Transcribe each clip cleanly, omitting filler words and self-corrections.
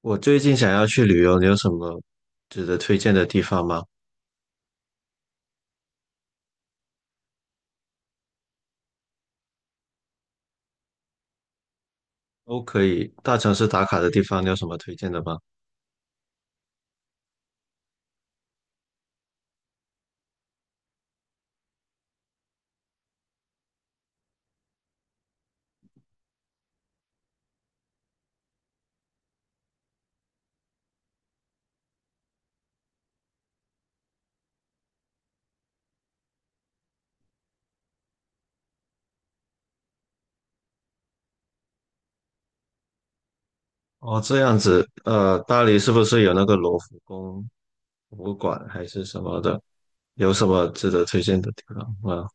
我最近想要去旅游，你有什么值得推荐的地方吗？都可以，大城市打卡的地方，你有什么推荐的吗？哦，这样子，巴黎是不是有那个罗浮宫博物馆还是什么的？有什么值得推荐的地方吗？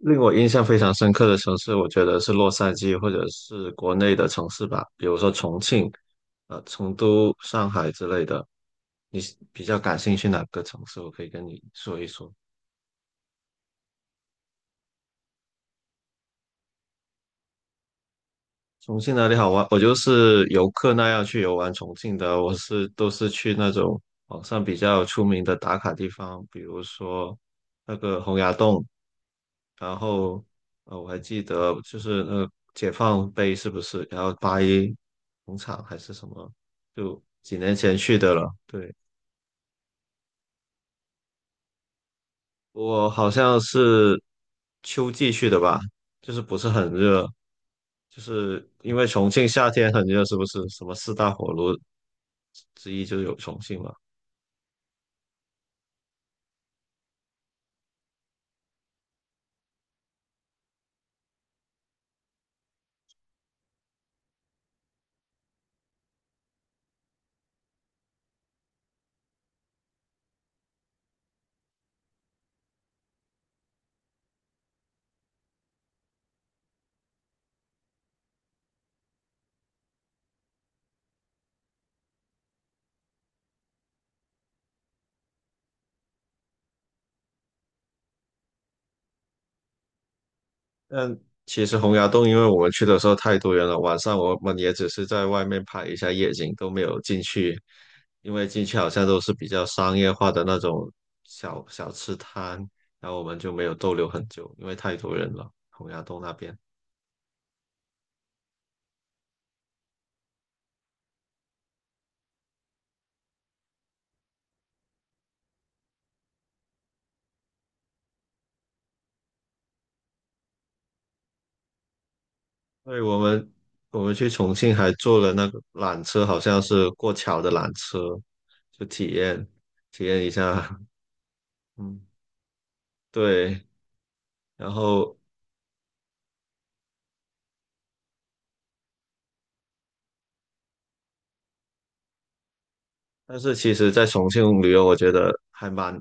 令我印象非常深刻的城市，我觉得是洛杉矶或者是国内的城市吧，比如说重庆、成都、上海之类的。你比较感兴趣哪个城市？我可以跟你说一说。重庆哪里好玩？我就是游客那样去游玩重庆的，我是都是去那种网上比较出名的打卡地方，比如说那个洪崖洞，然后我还记得就是那个解放碑是不是？然后八一农场还是什么？就几年前去的了，对。我好像是秋季去的吧，就是不是很热，就是因为重庆夏天很热，是不是？什么四大火炉之一就是有重庆嘛。但其实洪崖洞，因为我们去的时候太多人了，晚上我们也只是在外面拍一下夜景，都没有进去，因为进去好像都是比较商业化的那种小小吃摊，然后我们就没有逗留很久，因为太多人了，洪崖洞那边。对，我们去重庆还坐了那个缆车，好像是过桥的缆车，就体验一下。嗯，对。然后，但是其实，在重庆旅游，我觉得还蛮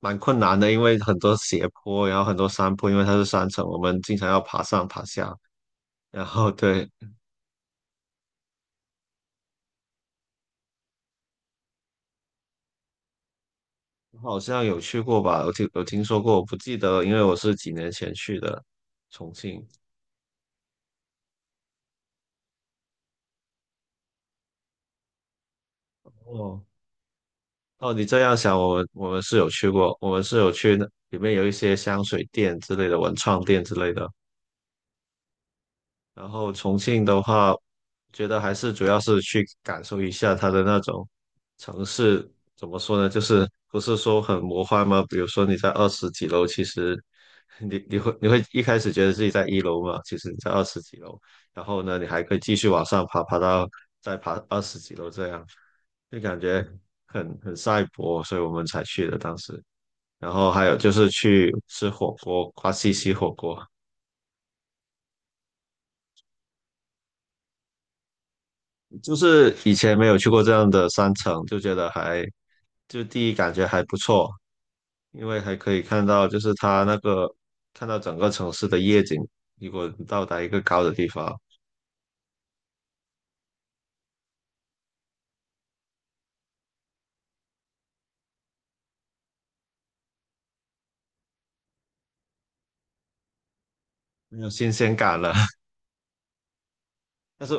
蛮困难的，因为很多斜坡，然后很多山坡，因为它是山城，我们经常要爬上爬下。然后 对。好像有去过吧？我听有听说过，我不记得了，因为我是几年前去的重庆。哦，哦，你这样想，我们是有去过，我们是有去那里面有一些香水店之类的、文创店之类的，然后重庆的话，觉得还是主要是去感受一下它的那种城市，怎么说呢？就是不是说很魔幻吗？比如说你在二十几楼，其实你会一开始觉得自己在一楼嘛，其实你在二十几楼，然后呢，你还可以继续往上爬，爬到再爬二十几楼这样，就感觉很赛博，所以我们才去的当时。然后还有就是去吃火锅，花西西火锅，就是以前没有去过这样的山城，就觉得还，就第一感觉还不错，因为还可以看到，就是它那个看到整个城市的夜景。如果你到达一个高的地方，没有新鲜感了。但是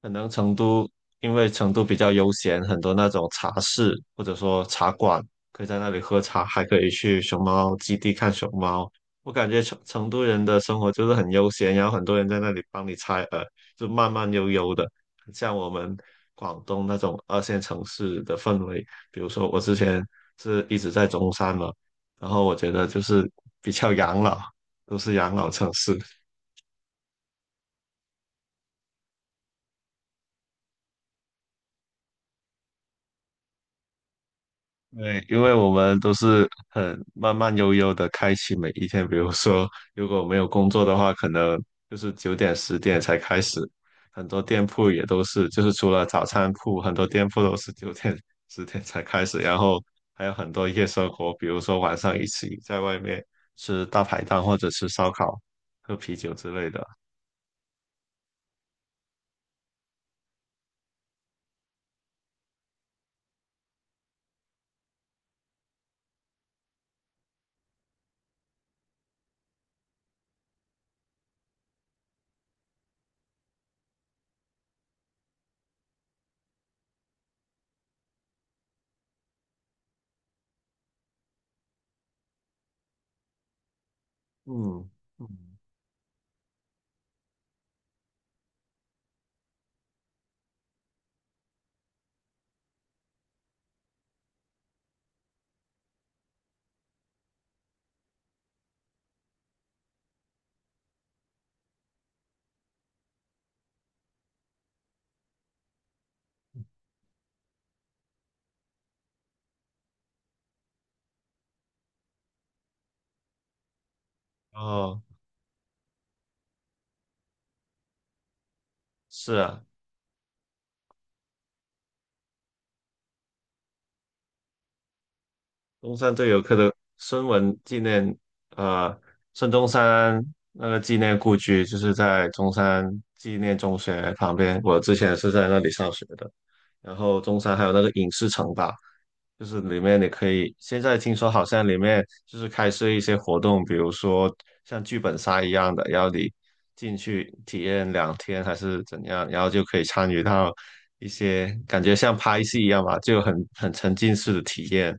可能成都因为成都比较悠闲，很多那种茶室或者说茶馆，可以在那里喝茶，还可以去熊猫基地看熊猫。我感觉成都人的生活就是很悠闲，然后很多人在那里帮你拆耳，就慢慢悠悠的，很像我们广东那种二线城市的氛围。比如说我之前是一直在中山嘛，然后我觉得就是比较养老，都是养老城市。对，因为我们都是很慢慢悠悠的开启每一天，比如说如果没有工作的话，可能就是九点十点才开始，很多店铺也都是，就是除了早餐铺，很多店铺都是九点十点才开始，然后还有很多夜生活，比如说晚上一起在外面吃大排档或者吃烧烤、喝啤酒之类的。嗯嗯，哦，是啊，中山对游客的孙文纪念，呃，孙中山那个纪念故居就是在中山纪念中学旁边，我之前是在那里上学的。然后中山还有那个影视城吧，就是里面你可以，现在听说好像里面就是开设一些活动，比如说像剧本杀一样的，然后你进去体验两天还是怎样，然后就可以参与到一些感觉像拍戏一样吧，就很沉浸式的体验。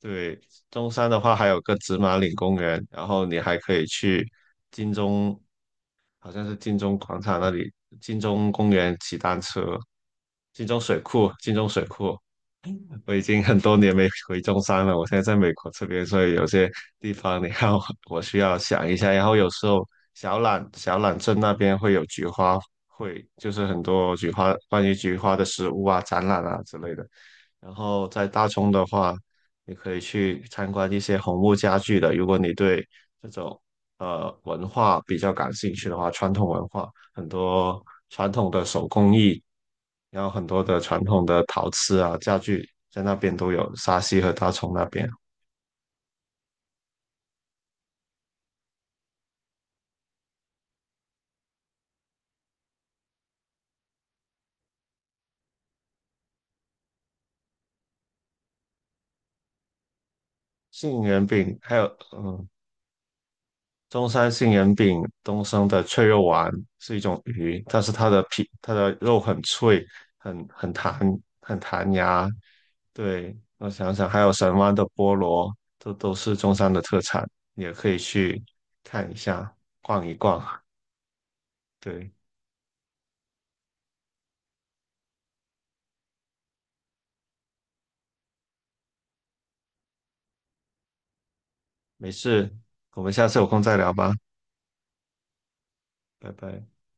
对，中山的话还有个紫马岭公园，然后你还可以去金钟，好像是金钟广场那里，金钟公园骑单车，金钟水库。我已经很多年没回中山了，我现在在美国这边，所以有些地方你看我需要想一下。然后有时候小榄镇那边会有菊花会，就是很多菊花关于菊花的食物啊、展览啊之类的。然后在大冲的话，你可以去参观一些红木家具的。如果你对这种文化比较感兴趣的话，传统文化很多传统的手工艺，然后很多的传统的陶瓷啊家具在那边都有，沙溪和大冲那边。杏仁饼还有嗯、中山杏仁饼东升的脆肉丸是一种鱼，但是它的皮、它的肉很脆，很弹、很弹牙。对，我想想，还有神湾的菠萝，这都是中山的特产，也可以去看一下、逛一逛。对，没事，我们下次有空再聊吧，拜拜。